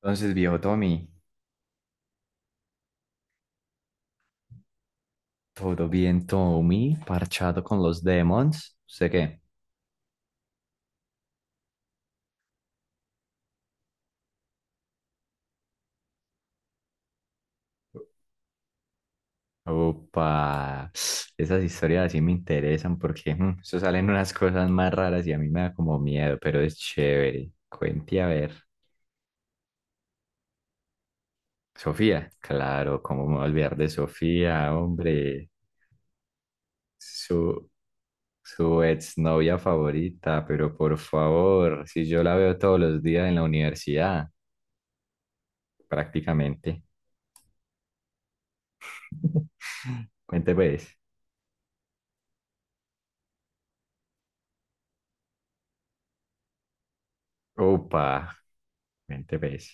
Entonces, viejo Tommy, todo bien, Tommy, parchado con los demons. ¿Usted qué? Opa, esas historias así me interesan porque eso salen unas cosas más raras y a mí me da como miedo, pero es chévere. Cuente a ver. Sofía, claro, cómo me voy a olvidar de Sofía, hombre, su, su exnovia favorita, pero por favor, si yo la veo todos los días en la universidad, prácticamente. Cuente pues. Opa, mente ves.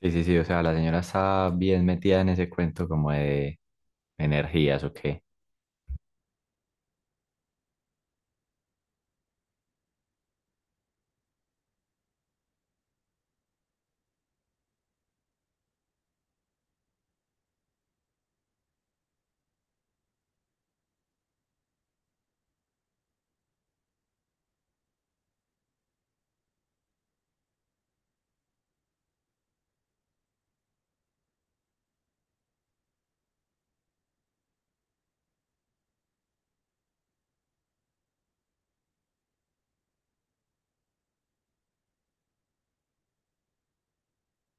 Sí, sí, sí, o sea, la señora está bien metida en ese cuento como de energías o qué.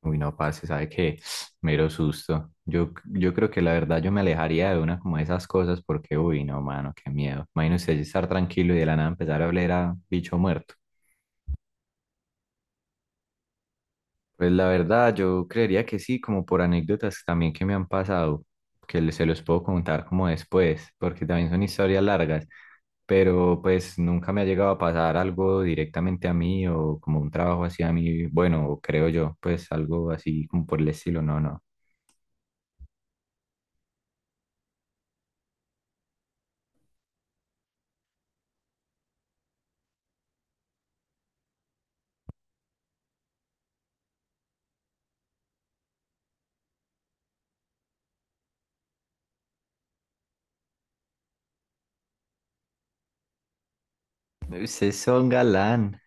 Uy, no, parce, ¿sabe qué? Mero susto. Yo creo que la verdad yo me alejaría de una como de esas cosas porque, uy, no, mano, qué miedo. Imagínese estar tranquilo y de la nada empezar a oler a bicho muerto. Pues la verdad, yo creería que sí, como por anécdotas también que me han pasado, que le- se los puedo contar como después, porque también son historias largas, pero pues nunca me ha llegado a pasar algo directamente a mí o como un trabajo así a mí, bueno, creo yo, pues algo así como por el estilo, no, no. Ustedes son galán.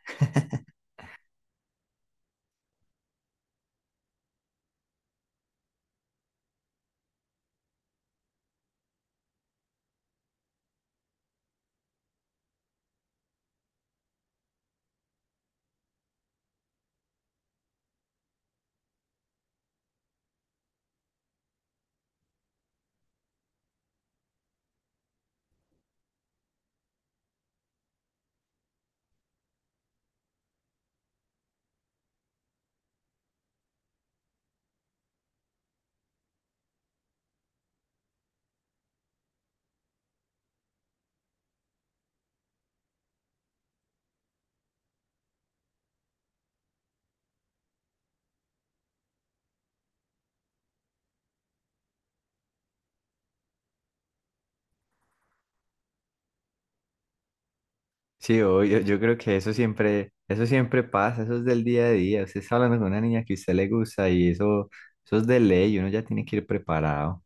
Sí, obvio, yo creo que eso siempre pasa, eso es del día a día, usted está hablando con una niña que a usted le gusta y eso es de ley, uno ya tiene que ir preparado.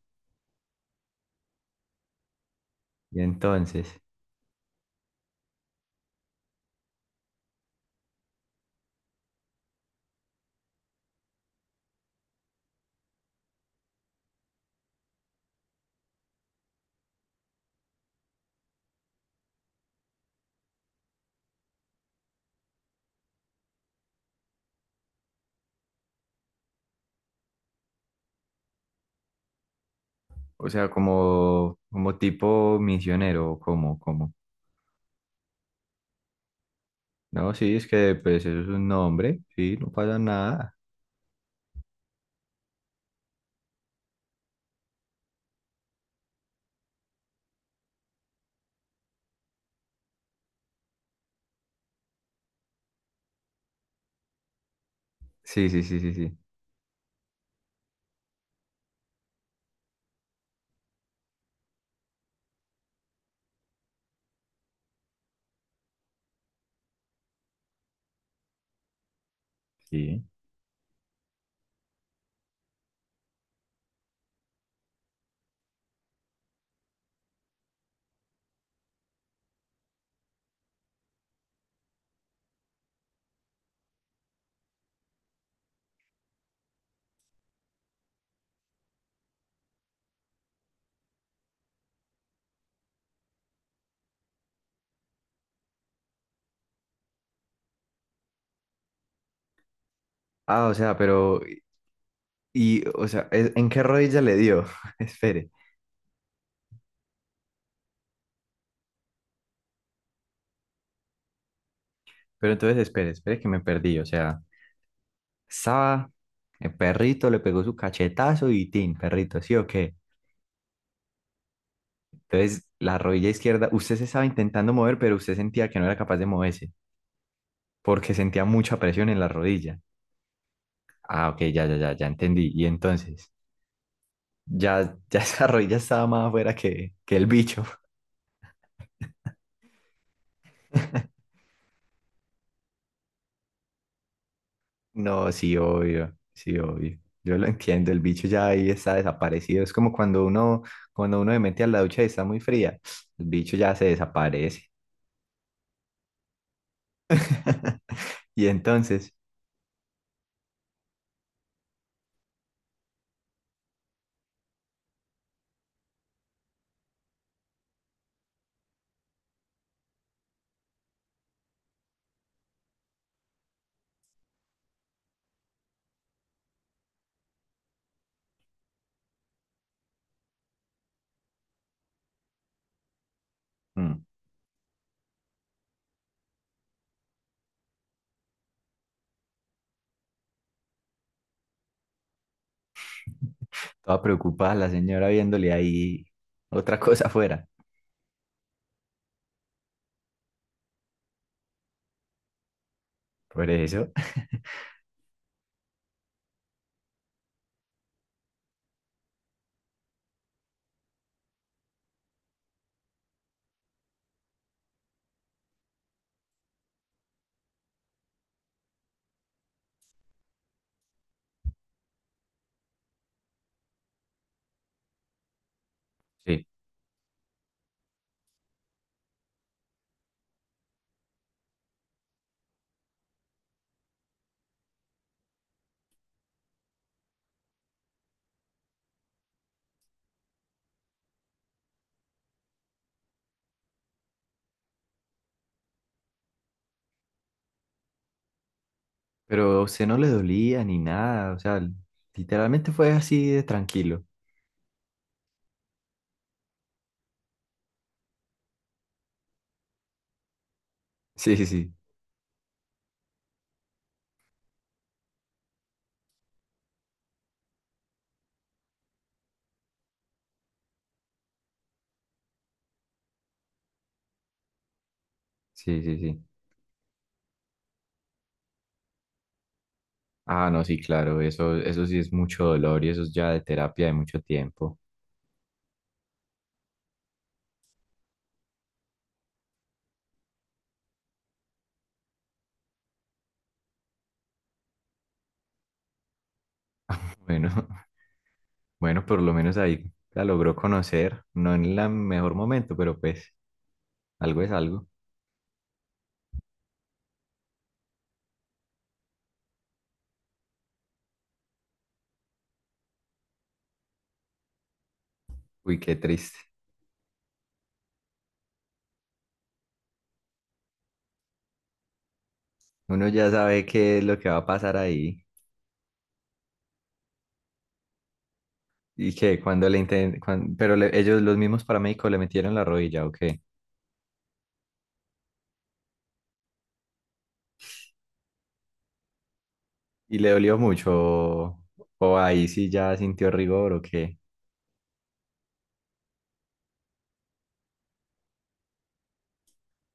Y entonces... O sea, como, como tipo misionero, como, como. No, sí, es que pues eso es un nombre, sí, no pasa nada. Sí, sí, sí, sí, sí. Sí. Ah, o sea, pero, y, o sea, ¿es- ¿en qué rodilla le dio? Espere, pero entonces espere, espere que me perdí, o sea, estaba, el perrito le pegó su cachetazo y tin, perrito, ¿sí o qué? Entonces, la rodilla izquierda, usted se estaba intentando mover, pero usted sentía que no era capaz de moverse, porque sentía mucha presión en la rodilla. Ah, ok, ya, ya, ya, ya entendí. Y entonces, ya, ya esa rodilla estaba más afuera que el bicho. No, sí, obvio, sí, obvio. Yo lo entiendo, el bicho ya ahí está desaparecido. Es como cuando uno se mete a la ducha y está muy fría, el bicho ya se desaparece. Y entonces, mm, toda preocupada la señora viéndole ahí otra cosa afuera. Por eso. Sí, pero a usted no le dolía ni nada, o sea, literalmente fue así de tranquilo. Sí, sí, sí, sí, sí, sí. Ah, no, sí, claro, eso sí es mucho dolor y eso es ya de terapia de mucho tiempo. Bueno, bueno, por lo menos ahí la logró conocer, no en el mejor momento, pero pues algo es algo. Uy, qué triste. Uno ya sabe qué es lo que va a pasar ahí y que cuando le inten- cuan- pero le- ellos, los mismos paramédicos, le metieron la rodilla, ¿o qué? Y le dolió mucho, o ahí sí ya sintió rigor, ¿o qué?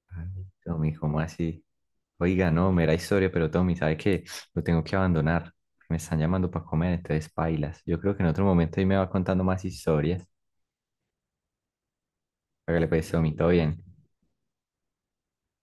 Ay, Tommy, ¿cómo así? Oiga, no, mera historia, pero Tommy, ¿sabe qué? Lo tengo que abandonar. Me están llamando para comer, entonces pailas. Yo creo que en otro momento ahí me va contando más historias. Hágale pues, Tommy, todo bien.